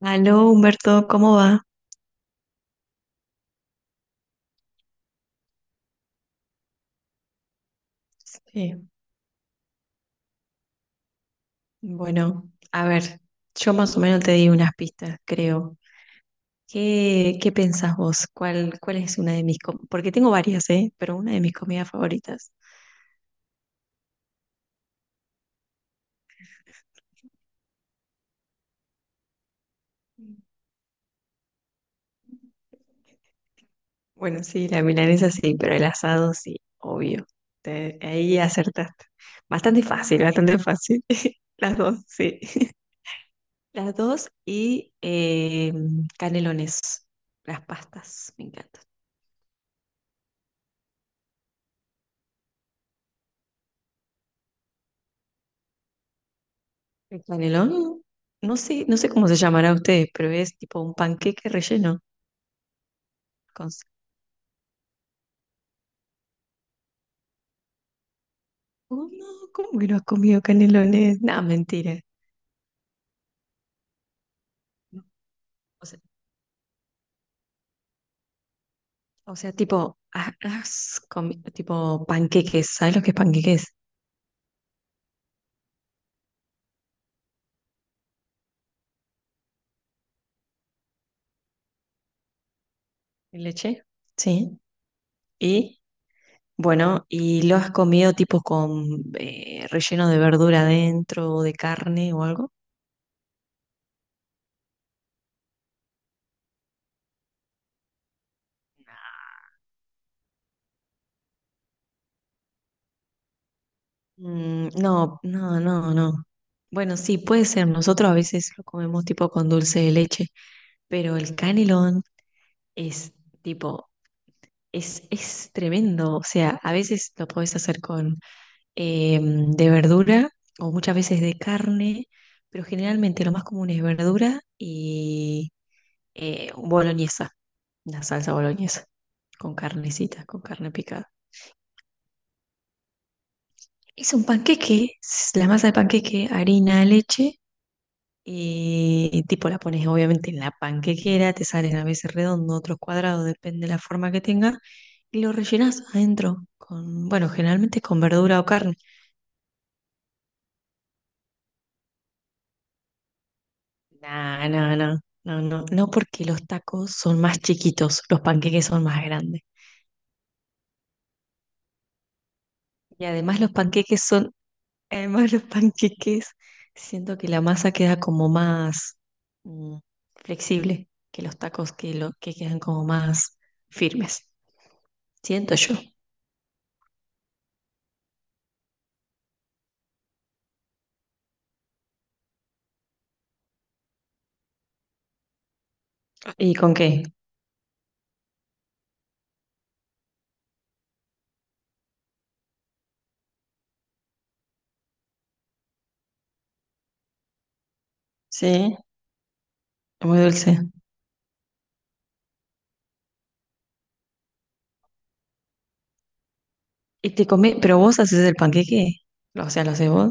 Aló, Humberto, ¿cómo va? Sí, bueno, a ver, yo más o menos te di unas pistas, creo. ¿Qué pensás vos? ¿Cuál es una de mis com- Porque tengo varias, ¿eh? Pero una de mis comidas favoritas. Bueno, sí, la milanesa sí, pero el asado sí, obvio. Ahí acertaste. Bastante fácil, bastante fácil. Las dos, sí. Las dos y canelones, las pastas, me encanta. El canelón, no sé, no sé cómo se llamará a ustedes, pero es tipo un panqueque relleno con sa- Oh, no, ¿cómo que no has comido canelones? No, mentira. O sea, o sea, tipo, ha- has comi- tipo panqueques, ¿sabes lo que es panqueques? ¿De leche? Sí. Y bueno, lo has comido tipo con relleno de verdura adentro, o de carne o algo. Mm, no, no, no, no. Bueno, sí, puede ser. Nosotros a veces lo comemos tipo con dulce de leche. Pero el canelón es tipo, es tremendo. O sea, a veces lo podés hacer con de verdura o muchas veces de carne, pero generalmente lo más común es verdura y boloñesa, la salsa boloñesa, con carnecita, con carne picada. Es un panqueque, es la masa de panqueque, harina, leche. Y tipo la pones obviamente en la panquequera, te salen a veces redondo, otros cuadrados, depende de la forma que tenga, y lo rellenas adentro con, bueno, generalmente es con verdura o carne. No, no, no, no, no, no porque los tacos son más chiquitos, los panqueques son más grandes. Y además los panqueques son, además los panqueques, siento que la masa queda como más mm, flexible que los tacos que quedan como más firmes. Siento yo. ¿Y con qué? Sí, es muy dulce. Y te comés, pero vos haces el panqueque. O sea, lo haces vos.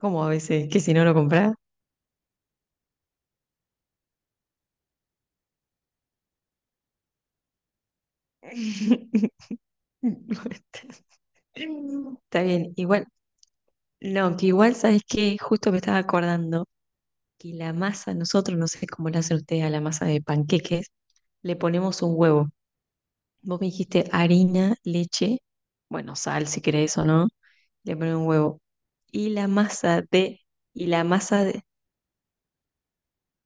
Como a veces? ¿Que si no lo comprás? Está bien, igual. No, que igual sabes que justo me estaba acordando que la masa, nosotros, no sé cómo la hacen ustedes a la masa de panqueques, le ponemos un huevo. Vos me dijiste harina, leche, bueno, sal si querés o no, le pones un huevo. Y la masa de, y la masa de,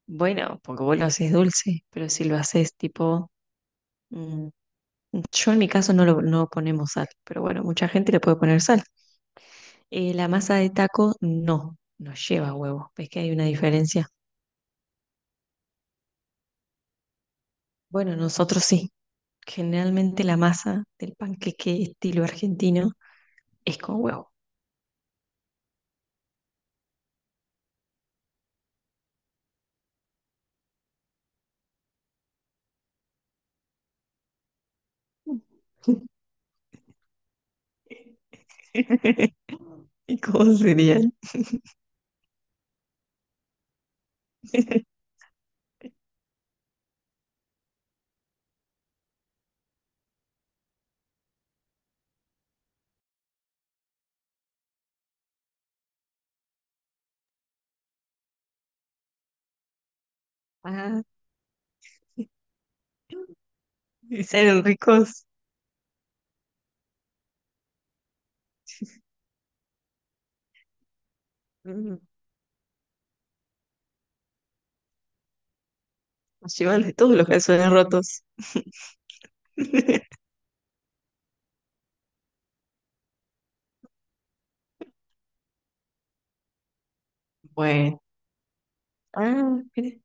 Bueno, porque vos lo haces dulce, pero si lo haces tipo, mm, yo en mi caso no ponemos sal, pero bueno, mucha gente le puede poner sal. La masa de taco no, no lleva huevo, ves que hay una diferencia. Bueno, nosotros sí, generalmente la masa del panqueque estilo argentino es con huevo. ¿Y cómo serían? Ah, y salen ricos, mm, llevan de todos los calzones rotos. Bueno, ah, mira.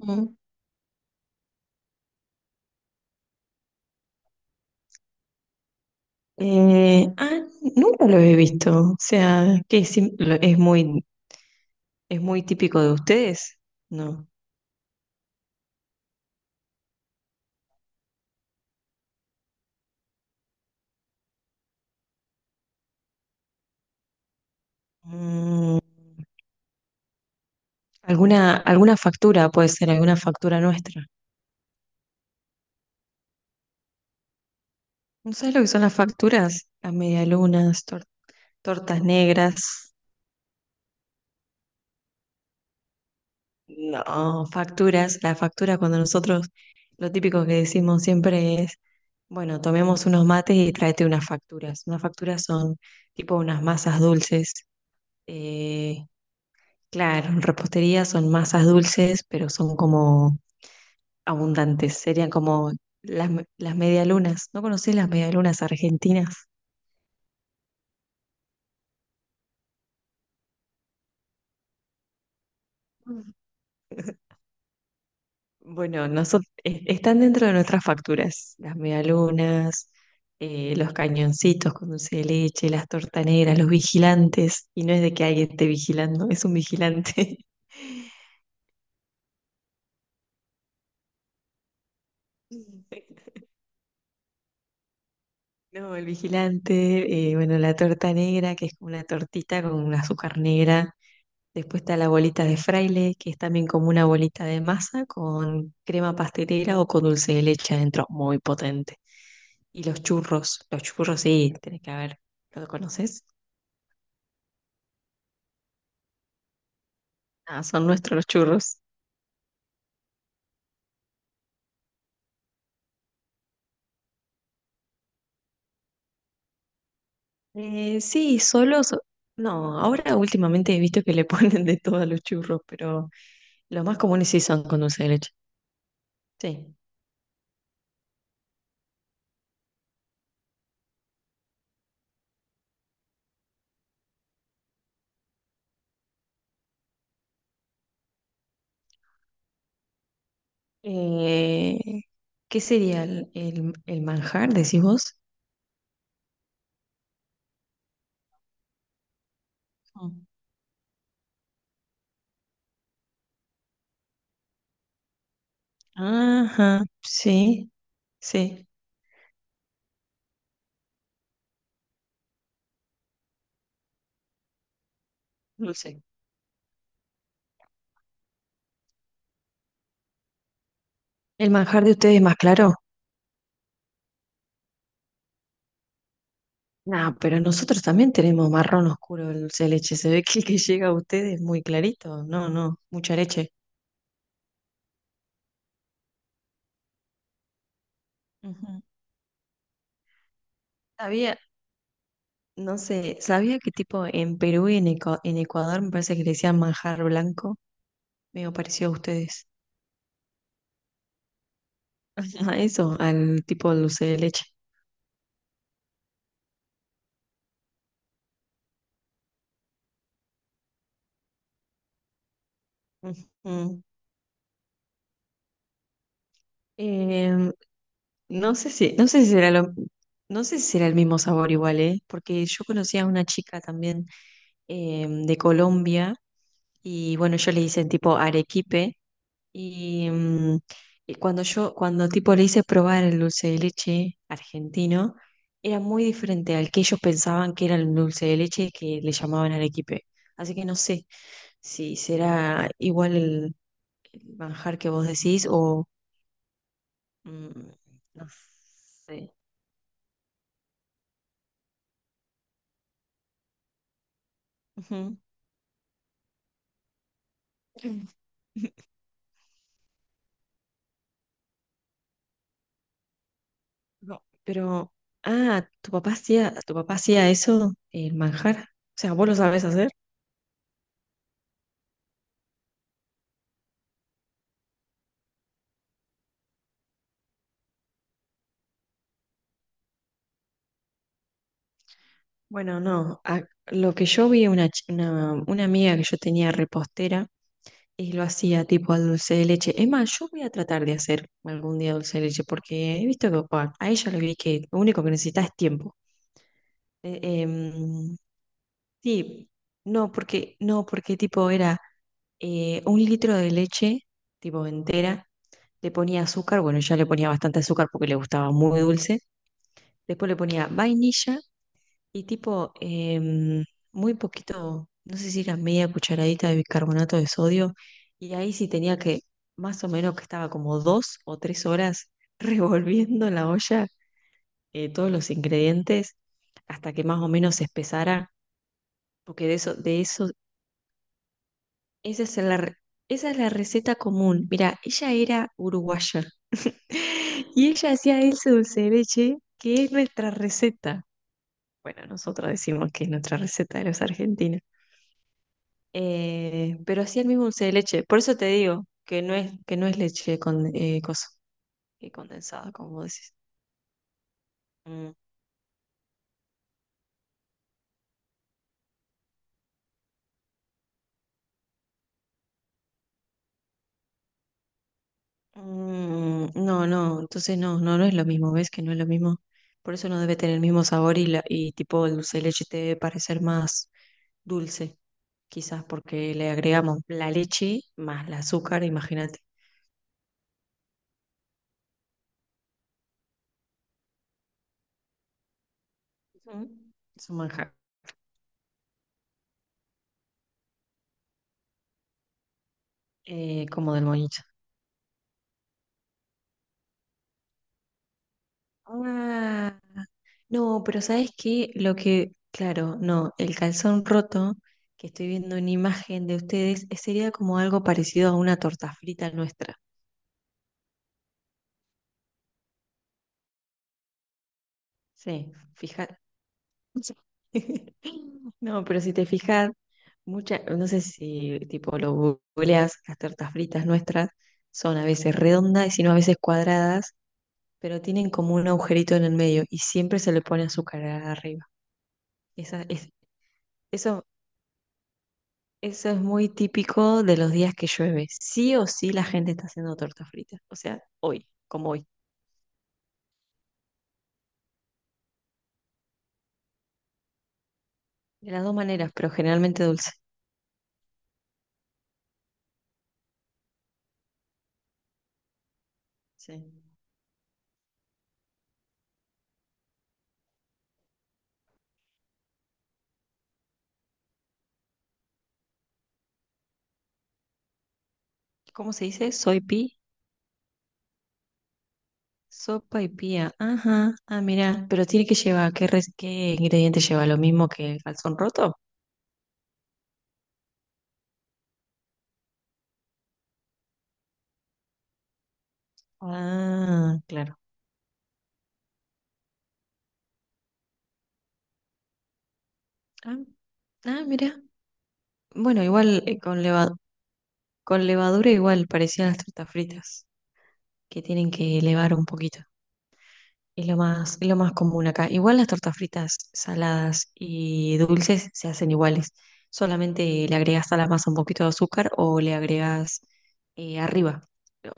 Mm. Ah, nunca lo he visto. O sea, que es, sim- lo- es muy típico de ustedes, ¿no? Mm, alguna factura puede ser, alguna factura nuestra. ¿No sabes lo que son las facturas? Las medialunas, tortas negras. No, facturas. La factura cuando nosotros, lo típico que decimos siempre es, bueno, tomemos unos mates y tráete unas facturas. Unas facturas son tipo unas masas dulces. eh, Claro, en repostería son masas dulces, pero son como abundantes. Serían como las medialunas. ¿No conocés las medialunas argentinas? Mm. Bueno, nosotros, están dentro de nuestras facturas. Las medialunas, los cañoncitos con dulce de leche, las tortaneras, los vigilantes. Y no es de que alguien esté vigilando, es un vigilante. Mm. No, el vigilante, bueno, la torta negra, que es como una tortita con un azúcar negra. Después está la bolita de fraile, que es también como una bolita de masa con crema pastelera o con dulce de leche adentro, muy potente. Y los churros sí, tenés que haber, ¿lo conoces? Ah, son nuestros los churros. Sí, solos, no, ahora últimamente he visto que le ponen de todo a los churros, pero los más comunes sí son con dulce de leche. Sí. Eh, ¿qué sería el, el manjar, decís vos? Mm. Ajá, sí, sí. Dulce. El manjar de ustedes es más claro. No, pero nosotros también tenemos marrón oscuro el dulce de leche. Se ve que el que llega a ustedes es muy clarito. No, no, mucha leche. Ujú. Sabía, no sé, sabía que tipo en Perú y en Ecuador me parece que le decían manjar blanco. Me pareció a ustedes. A eso, al tipo de dulce de leche. Ujú. Em, no sé si será el mismo sabor igual, ¿eh? Porque yo conocía a una chica también de Colombia. Y bueno, yo le hice tipo arequipe y, mm, y cuando tipo le hice probar el dulce de leche argentino, era muy diferente al que ellos pensaban que era el dulce de leche que le llamaban arequipe. Así que no sé si será igual el manjar que vos decís o mm, no sé. Ujú. Mm. No, pero, ah, ¿tu papá hacía eso, el manjar? O sea, ¿vos lo sabés hacer? Bueno, no, lo que yo vi, una amiga que yo tenía repostera y lo hacía tipo al dulce de leche. Es más, yo voy a tratar de hacer algún día dulce de leche porque he visto que a ella le vi que lo único que necesita es tiempo. Eh, em, sí, no, porque, no, porque tipo era un litro de leche, tipo entera, le ponía azúcar, bueno, ya le ponía bastante azúcar porque le gustaba muy dulce. Después le ponía vainilla. Y tipo, muy poquito, no sé si era media cucharadita de bicarbonato de sodio, y ahí sí tenía que, más o menos que estaba como 2 o 3 horas revolviendo en la olla todos los ingredientes hasta que más o menos se espesara, porque esa es la, re- esa es la receta común. Mira, ella era uruguaya y ella hacía ese dulce de leche que es nuestra receta. Bueno, nosotros decimos que es nuestra receta de los argentinos. Pero sí el mismo dulce de leche. Por eso te digo que que no es leche con, cosa, condensada, como vos decís. Mm. Mm, no, no, entonces no, no, no es lo mismo, ¿ves que no es lo mismo? Por eso no debe tener el mismo sabor y tipo el dulce de leche te debe parecer más dulce, quizás porque le agregamos la leche más el azúcar, imagínate. Mm. Es un manjar, como del monito. No, pero ¿sabes qué? Lo que, claro, no, el calzón roto, que estoy viendo una imagen de ustedes, sería como algo parecido a una torta frita nuestra. Sí, fija. No, pero si te fijas, muchas, no sé si tipo lo googleas, las tortas fritas nuestras son a veces redondas y si no a veces cuadradas, pero tienen como un agujerito en el medio y siempre se le pone azúcar arriba. Esa, es, eso Eso es muy típico de los días que llueve. Sí o sí la gente está haciendo torta frita. O sea, hoy, como hoy. De las dos maneras, pero generalmente dulce. Sí. ¿Cómo se dice? Soy pi. Sopa y pía. Ajá. Ah, mira. Pero tiene que llevar, ¿qué ingrediente lleva? ¿Lo mismo que el calzón roto? Ah, claro. Ah, ah, mira. Bueno, igual con levadura igual parecían las tortas fritas, que tienen que elevar un poquito. Es lo más común acá. Igual las tortas fritas saladas y dulces se hacen iguales. Solamente le agregas a la masa un poquito de azúcar o le agregas arriba.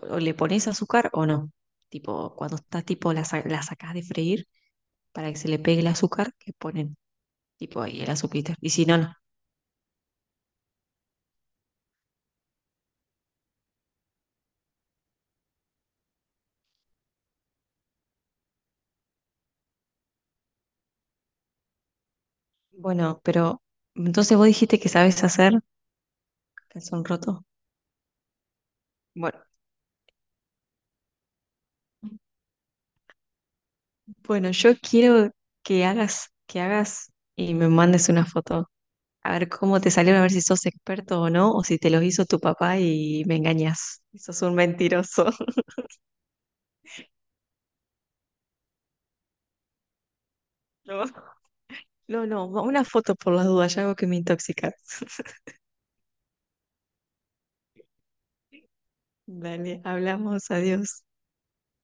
O le pones azúcar o no. Tipo, cuando está tipo, la sacás de freír para que se le pegue el azúcar, le ponen tipo ahí el azuquita. Y si no, no. Bueno, pero entonces vos dijiste que sabes hacer calzón roto. Bueno, bueno, yo quiero que hagas y me mandes una foto. A ver cómo te salieron, a ver si sos experto o no, o si te los hizo tu papá y me engañas. Sos un mentiroso. No, no, no, una foto por las dudas, ya algo que me intoxica. Dale, hablamos, adiós.